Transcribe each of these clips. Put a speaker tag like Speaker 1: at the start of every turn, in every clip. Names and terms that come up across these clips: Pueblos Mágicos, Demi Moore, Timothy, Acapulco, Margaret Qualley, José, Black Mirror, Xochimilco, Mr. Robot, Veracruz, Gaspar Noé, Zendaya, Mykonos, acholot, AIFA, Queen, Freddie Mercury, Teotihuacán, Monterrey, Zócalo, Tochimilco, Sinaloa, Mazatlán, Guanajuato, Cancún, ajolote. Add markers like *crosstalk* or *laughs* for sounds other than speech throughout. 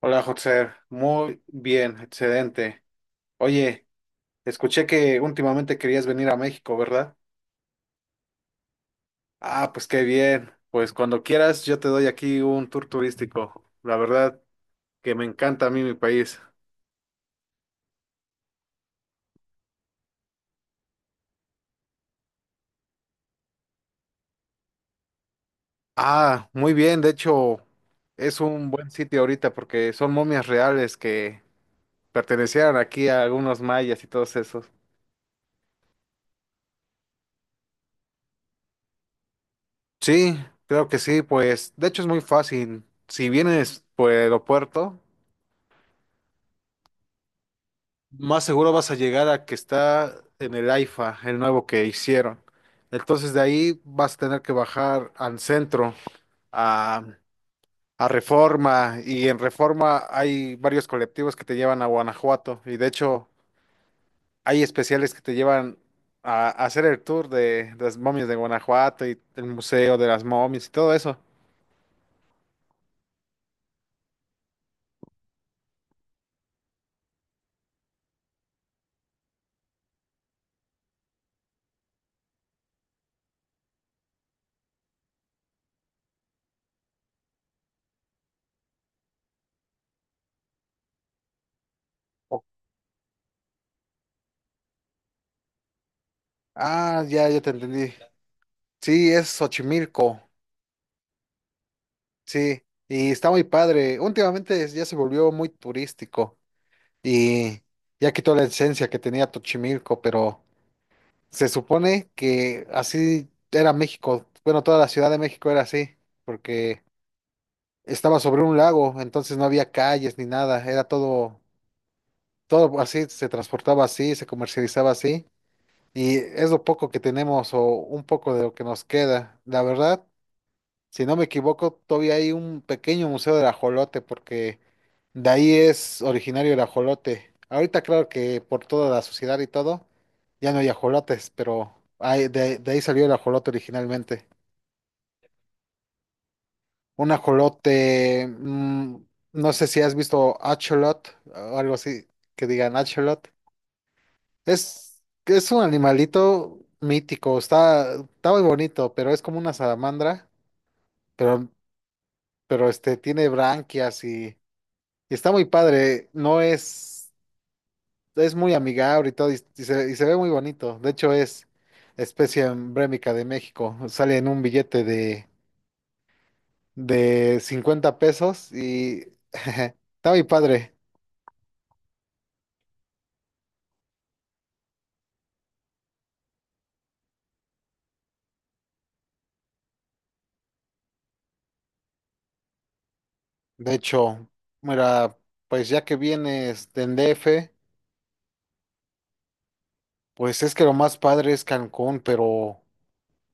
Speaker 1: Hola, José. Muy bien, excelente. Oye, escuché que últimamente querías venir a México, ¿verdad? Ah, pues qué bien. Pues cuando quieras, yo te doy aquí un tour turístico. La verdad que me encanta a mí mi país. Ah, muy bien. De hecho, es un buen sitio ahorita porque son momias reales que pertenecieron aquí a algunos mayas y todos esos. Sí, creo que sí. Pues de hecho es muy fácil. Si vienes por el aeropuerto, más seguro vas a llegar a que está en el AIFA, el nuevo que hicieron. Entonces de ahí vas a tener que bajar al centro, a, a Reforma, y en Reforma hay varios colectivos que te llevan a Guanajuato, y de hecho hay especiales que te llevan a hacer el tour de las momias de Guanajuato y el Museo de las Momias y todo eso. O- Ah, ya, ya te entendí. Sí, es Xochimilco, sí, y está muy padre. Últimamente ya se volvió muy turístico y ya quitó la esencia que tenía Tochimilco, pero se supone que así era México. Bueno, toda la Ciudad de México era así, porque estaba sobre un lago, entonces no había calles ni nada, era todo, todo así, se transportaba así, se comercializaba así, y es lo poco que tenemos o un poco de lo que nos queda, la verdad. Si no me equivoco, todavía hay un pequeño museo del ajolote porque de ahí es originario el ajolote. Ahorita claro que por toda la sociedad y todo, ya no hay ajolotes, pero hay- de ahí salió el ajolote originalmente. Un ajolote, mm, no sé si has visto acholot o algo así, que digan acholot. Es un animalito mítico, está, está muy bonito, pero es como una salamandra, pero, pero tiene branquias. Y está muy padre, no es, es muy amigable y todo, y se ve muy bonito. De hecho, es especie emblemática de México. Sale en un billete de 50 pesos y *laughs* está muy padre. De hecho, mira, pues ya que vienes de DF, pues es que lo más padre es Cancún, pero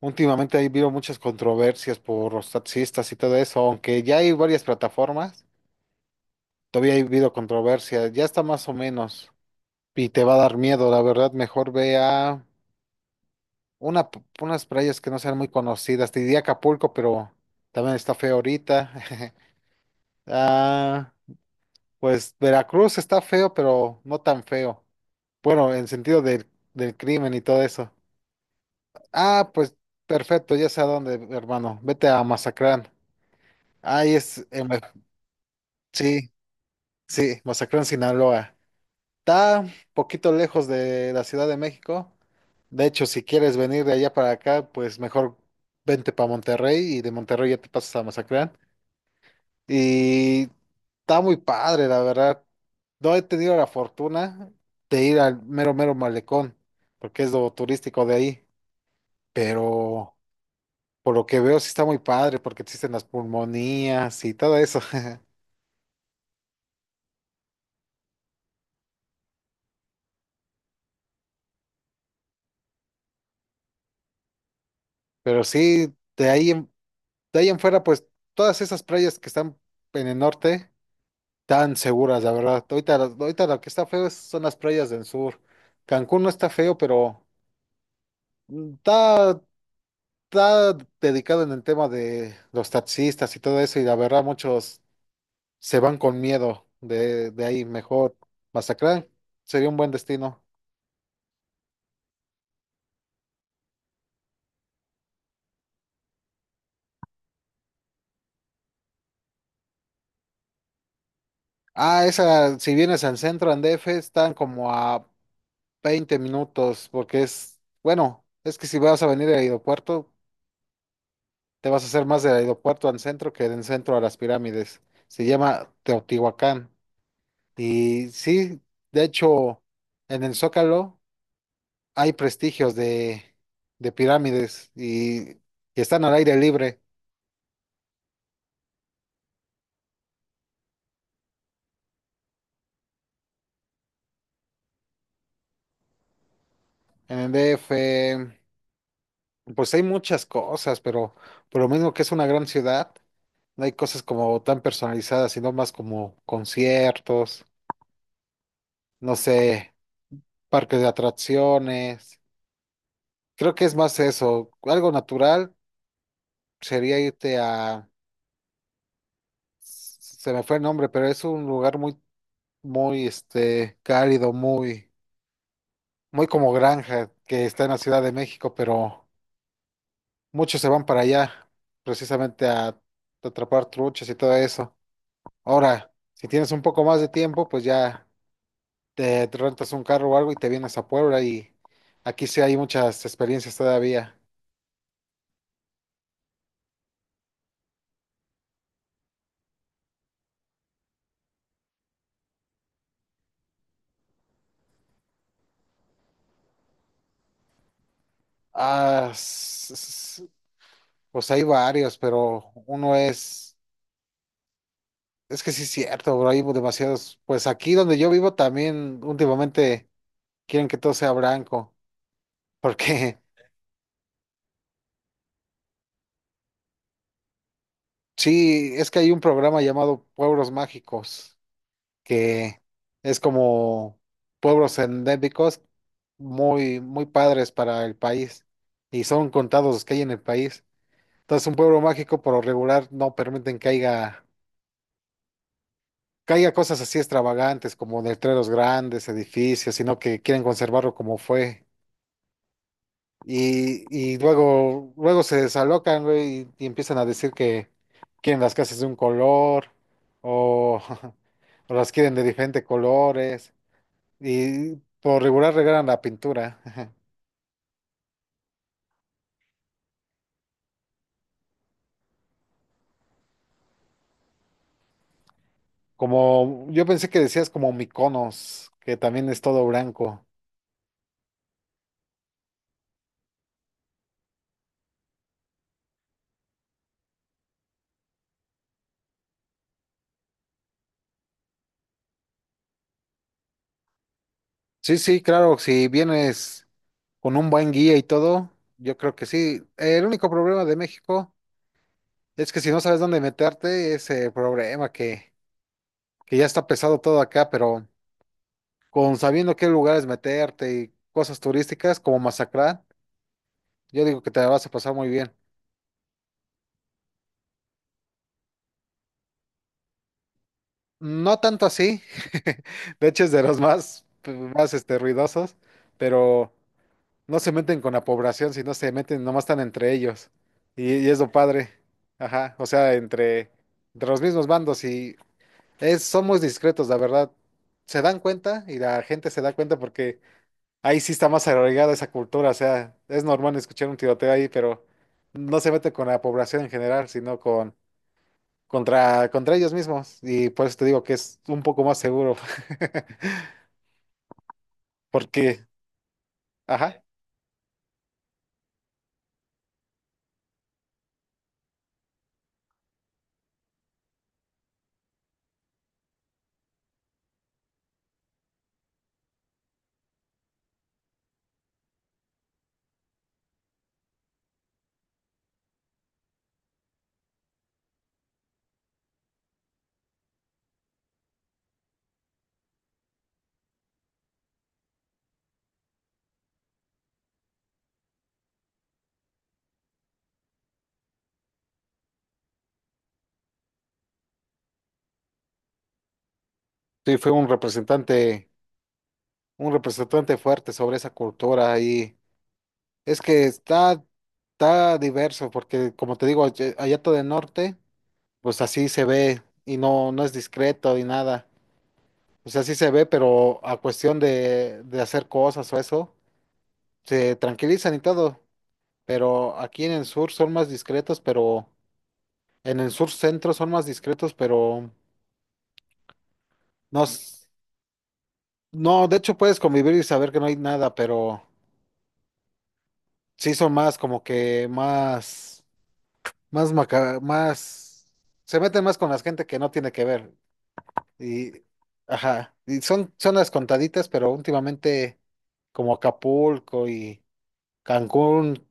Speaker 1: últimamente ahí veo muchas controversias por los taxistas y todo eso. Aunque ya hay varias plataformas, todavía ha habido controversia, ya está más o menos, y te va a dar miedo, la verdad. Mejor ve a una, p- unas playas que no sean muy conocidas. Te diría Acapulco, pero también está feo ahorita. *laughs* Ah, pues Veracruz está feo, pero no tan feo. Bueno, en sentido del, del crimen y todo eso. Ah, pues perfecto, ya sé a dónde, hermano. Vete a Mazatlán. Ahí es, en Ve- sí, sí, Mazatlán, Sinaloa. Está un poquito lejos de la Ciudad de México. De hecho, si quieres venir de allá para acá, pues mejor vente para Monterrey y de Monterrey ya te pasas a Mazatlán. Y está muy padre, la verdad. No he tenido la fortuna de ir al mero, mero malecón, porque es lo turístico de ahí. Pero por lo que veo, sí está muy padre, porque existen las pulmonías y todo eso. *laughs* Pero sí, de ahí en fuera, pues todas esas playas que están en el norte tan seguras, la verdad. Ahorita, ahorita lo que está feo es- son las playas del sur. Cancún no está feo, pero mm, está, está dedicado en el tema de los taxistas y todo eso, y la verdad muchos se van con miedo de ahí. Mejor Mazatlán sería un buen destino. Ah, esa, si vienes al centro, en DF, están como a 20 minutos, porque es, bueno, es que si vas a venir al aeropuerto, te vas a hacer más del aeropuerto al centro que del centro a las pirámides. Se llama Teotihuacán. Y sí, de hecho, en el Zócalo hay prestigios de pirámides y están al aire libre. En el DF, pues hay muchas cosas, pero por lo mismo que es una gran ciudad, no hay cosas como tan personalizadas, sino más como conciertos, no sé, parques de atracciones. Creo que es más eso. Algo natural sería irte a, se me fue el nombre, pero es un lugar muy, muy, cálido, muy, muy como granja, que está en la Ciudad de México, pero muchos se van para allá, precisamente a atrapar truchas y todo eso. Ahora, si tienes un poco más de tiempo, pues ya te rentas un carro o algo y te vienes a Puebla y aquí sí hay muchas experiencias todavía. Ah, s- s- pues hay varios, pero uno es... Es que sí es cierto, bro, hay demasiados. Pues aquí donde yo vivo también últimamente quieren que todo sea blanco, porque *laughs* sí, es que hay un programa llamado Pueblos Mágicos, que es como pueblos endémicos muy, muy padres para el país, y son contados los que hay en el país. Entonces un pueblo mágico por lo regular no permiten que haya cosas así extravagantes como letreros grandes, edificios, sino que quieren conservarlo como fue. Y luego, luego se desalocan, güey, y empiezan a decir que quieren las casas de un color o, *laughs* o las quieren de diferentes colores. Y por regular regalan la pintura. *laughs* Como yo pensé que decías como Mykonos, que también es todo blanco. Sí, sí, claro, si vienes con un buen guía y todo, yo creo que sí. El único problema de México es que si no sabes dónde meterte, es el problema que ya está pesado todo acá, pero... con sabiendo qué lugares meterte y cosas turísticas como Mazatlán, yo digo que te la vas a pasar muy bien. No tanto así. *laughs* De hecho es de los más, más ruidosos, pero no se meten con la población, sino se meten, nomás están entre ellos. Y es lo padre, ajá, o sea, entre, entre los mismos bandos, y es, son muy discretos, la verdad. Se dan cuenta y la gente se da cuenta porque ahí sí está más arraigada esa cultura, o sea, es normal escuchar un tiroteo ahí, pero no se mete con la población en general, sino con contra, contra ellos mismos. Y por eso te digo que es un poco más seguro, *laughs* porque, ajá, sí fue un representante fuerte sobre esa cultura. Y es que está, está diverso, porque como te digo, allá allá todo el norte, pues así se ve y no, no es discreto ni nada. O sea, sí se ve, pero a cuestión de hacer cosas o eso, se tranquilizan y todo, pero aquí en el sur son más discretos, pero en el sur centro son más discretos, pero no, s- no, de hecho puedes convivir y saber que no hay nada, pero sí son más como que más, más maca, más, se meten más con la gente que no tiene que ver y, ajá, y son, son las contaditas, pero últimamente como Acapulco y Cancún,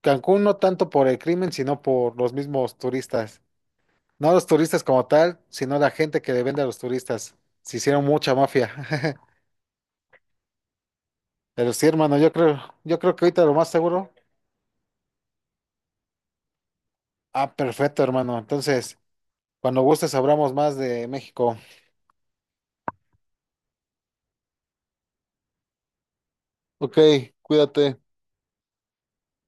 Speaker 1: Cancún no tanto por el crimen, sino por los mismos turistas. No los turistas como tal, sino la gente que le vende a los turistas. Se hicieron mucha mafia. *laughs* Pero sí, hermano, yo creo que ahorita lo más seguro. Ah, perfecto, hermano. Entonces, cuando gustes hablamos más de México. Ok, cuídate.